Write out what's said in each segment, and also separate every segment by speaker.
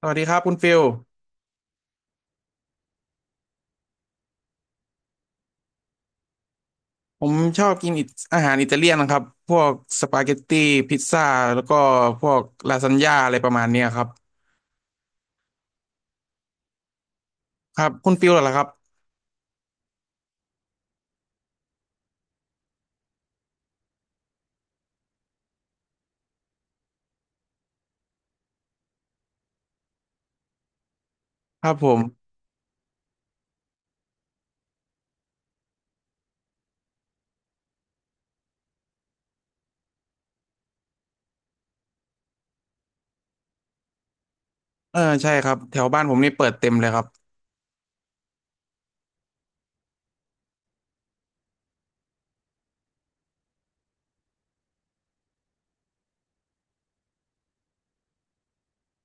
Speaker 1: สวัสดีครับคุณฟิลผมชอบกินอาหารอิตาเลียนนะครับพวกสปาเกตตี้พิซซ่าแล้วก็พวกลาซานญ่าอะไรประมาณเนี้ยครับครับคุณฟิลเหรอครับครับผมเออใช่ครับแถวบ้านผมนี่เปิดเต็มเลยครับ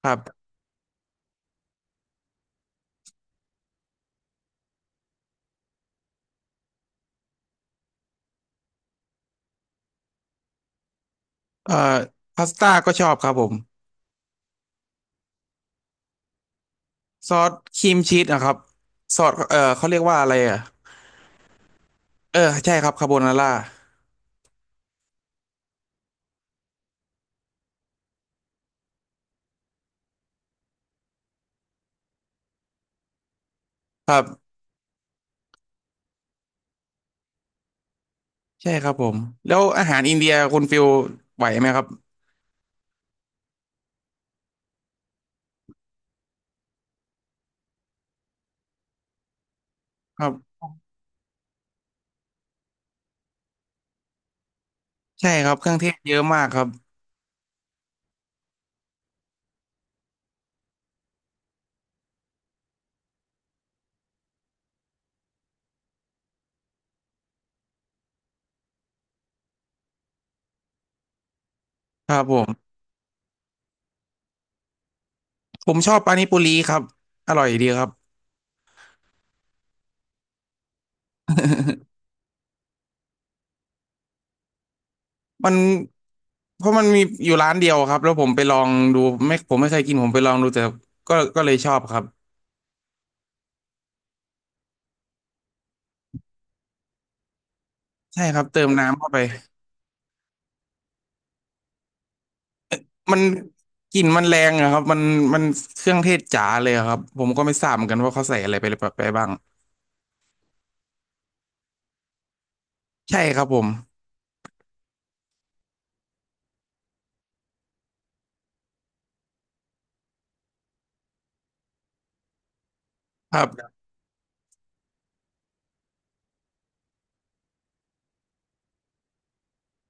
Speaker 1: ครับเอ่อพาสต้าก็ชอบครับผมซอสครีมชีสนะครับซอสเขาเรียกว่าอะไรอ่ะเออใช่ครับคาโบนาร่าครับใช่ครับผมแล้วอาหารอินเดียคุณฟิลไหวไหมครับครับใช่ครับเครื่องเทศเยอะมากครับครับผม ผมชอบปานิปุรีครับอร่อยดีครับ มันเพราะมันมีอยู่ร้านเดียวครับแล้วผมไปลองดูไม่ผมไม่เคยกินผมไปลองดูแต่ก็เลยชอบครับใช่ครับเติมน้ำเข้าไปมันกลิ่นมันแรงอะครับมันมันเครื่องเทศจ๋าเลยอะครับผมก็ไม่ทราบเหมือนกันว่าเขาใส่อะไรไปบ้างใช่ครับผมครับ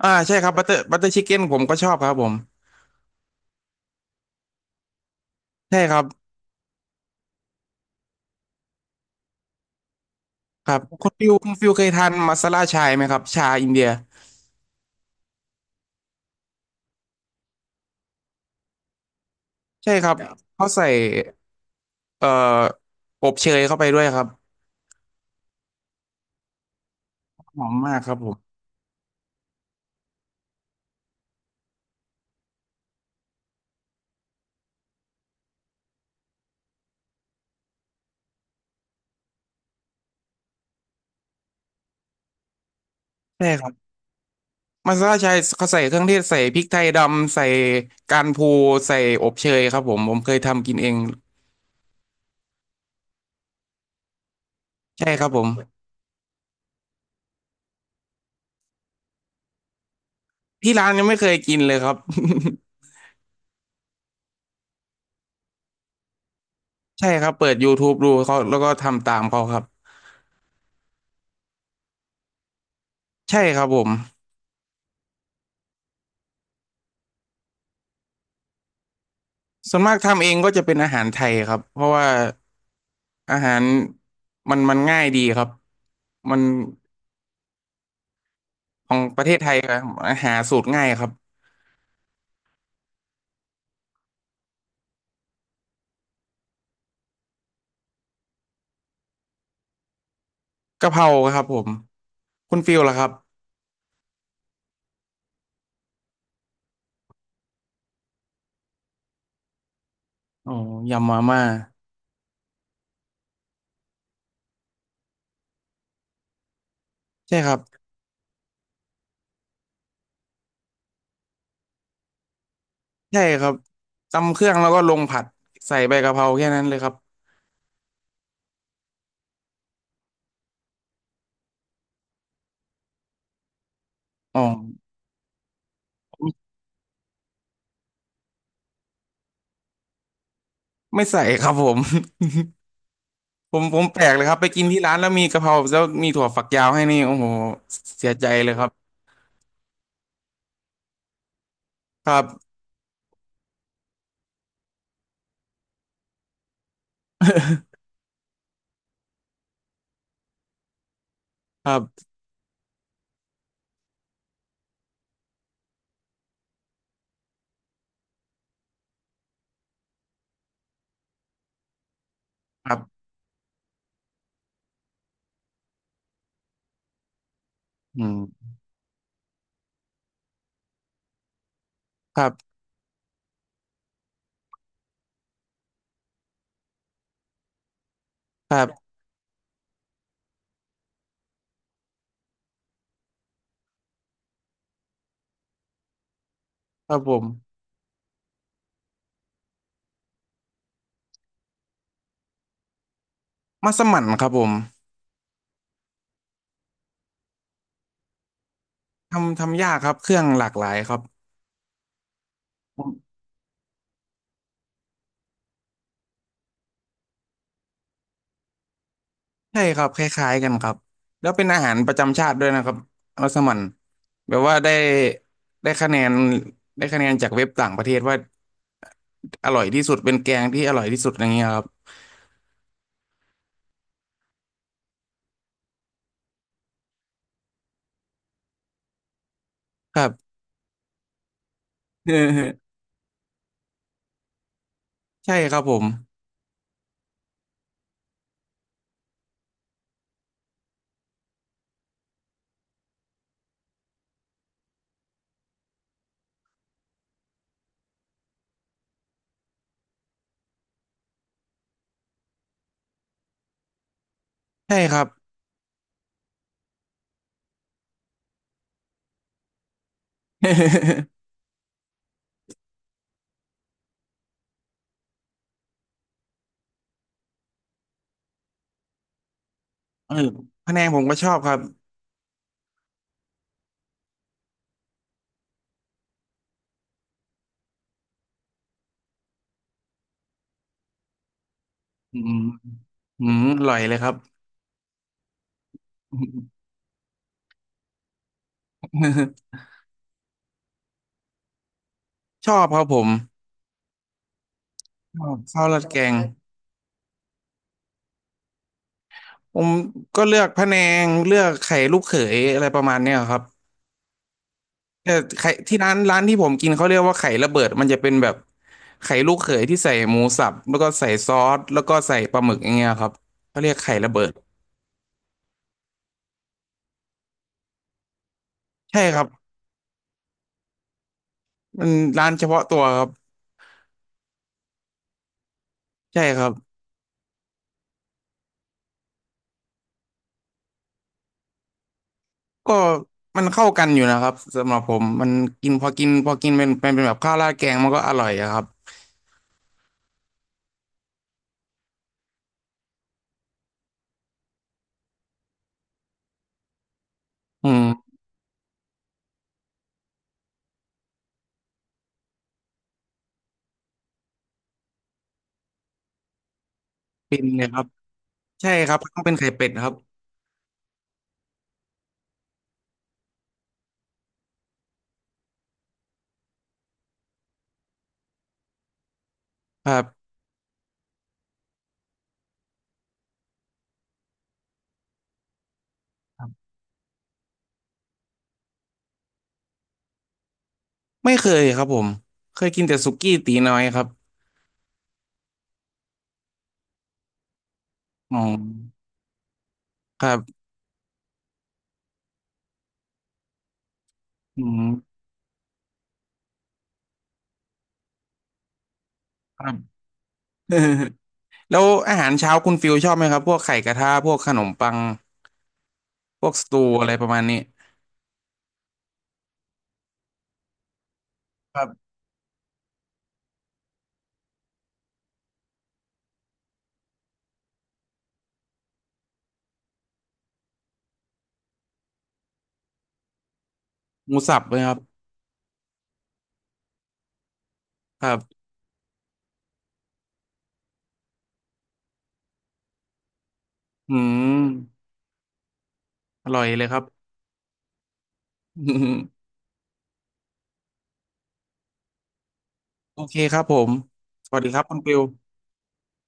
Speaker 1: อ่าใช่ครับบัตเตอร์ชิคเก้นผมก็ชอบครับผมใช่ครับครับคุณฟิวคุณฟิวเคยทานมาซาล่าชายไหมครับชาอินเดียใช่ครับเขาใส่ เอ่ออบเชยเข้าไปด้วยครับหอมมากครับผมใช่ครับมัสตาร์ดใช้เขาใส่เครื่องเทศใส่พริกไทยดำใส่การพูใส่อบเชยครับผมผมเคยทำกินเองใช่ครับผมที่ร้านยังไม่เคยกินเลยครับ ใช่ครับเปิดย o ทูบ b e ดูเขาแล้วก็ทำตามเขาครับใช่ครับผมส่วนมากทำเองก็จะเป็นอาหารไทยครับเพราะว่าอาหารมันง่ายดีครับมันของประเทศไทยครับหาสูตรง่ายครับกะเพราครับผมคุณฟิลล่ะครับ อ๋อยำมาม่าใช่ครับใช่ครับตำเครื่องแล้วก็ลงผัดใส่ใบกะเพราแค่นั้นเลยครับอ๋อไม่ไม่ใส่ครับผม ผมผมแปลกเลยครับไปกินที่ร้านแล้วมีกะเพราแล้วมีถั่วฝักยาวให้นี่โอ้โหเสียใจเลยครับครับ ครับครับอืมครับครับครับผมมัสมั่นครับผมทำยากครับเครื่องหลากหลายครับ ใช่ครับคล้ายๆกันครับแล้วเป็นอาหารประจำชาติด้วยนะครับมัสมั่นแบบว่าได้ได้คะแนนได้คะแนนจากเว็บต่างประเทศว่าอร่อยที่สุดเป็นแกงที่อร่อยที่สุดอย่างเงี้ยครับครับ ใช่ครับผมใช่ครับ เออพะแนงผมก็ชอบครับอืมอืมอร่อยเลยครับ ชอบครับผมชอบข้าวราดแกงผมก็เลือกพะแนงเลือกไข่ลูกเขยอะไรประมาณเนี้ยครับ แต่ไข่ที่ร้านที่ผมกินเขาเรียกว่าไข่ระเบิดมันจะเป็นแบบไข่ลูกเขยที่ใส่หมูสับแล้วก็ใส่ซอสแล้วก็ใส่ปลาหมึกอย่างเงี้ยครับเขาเรียกไข่ระเบิดใช่ครับมันร้านเฉพาะตัวครับใช่ครับก็มันเข้ากันอยู่นะครับสำหรับผมมันกินพอกินเป็นแบบข้าวราดแกงมันก็อร่อยอะครับอืมฟินเลยครับใช่ครับต้องเป็นไข่เป็ดครับครับครับไม่เคยครับผมเคยกินแต่สุกี้ตีน้อยครับอ๋อครับอืมครับ แล้วอาหารเช้าคุณฟิลชอบไหมครับพวกไข่กระทะพวกขนมปังพวกสตูอะไรประมาณนี้ครับหมูสับไหมครับครับอืมอร่อยเลยครับ โอเคครับผมสวัสดีครับคุณฟิล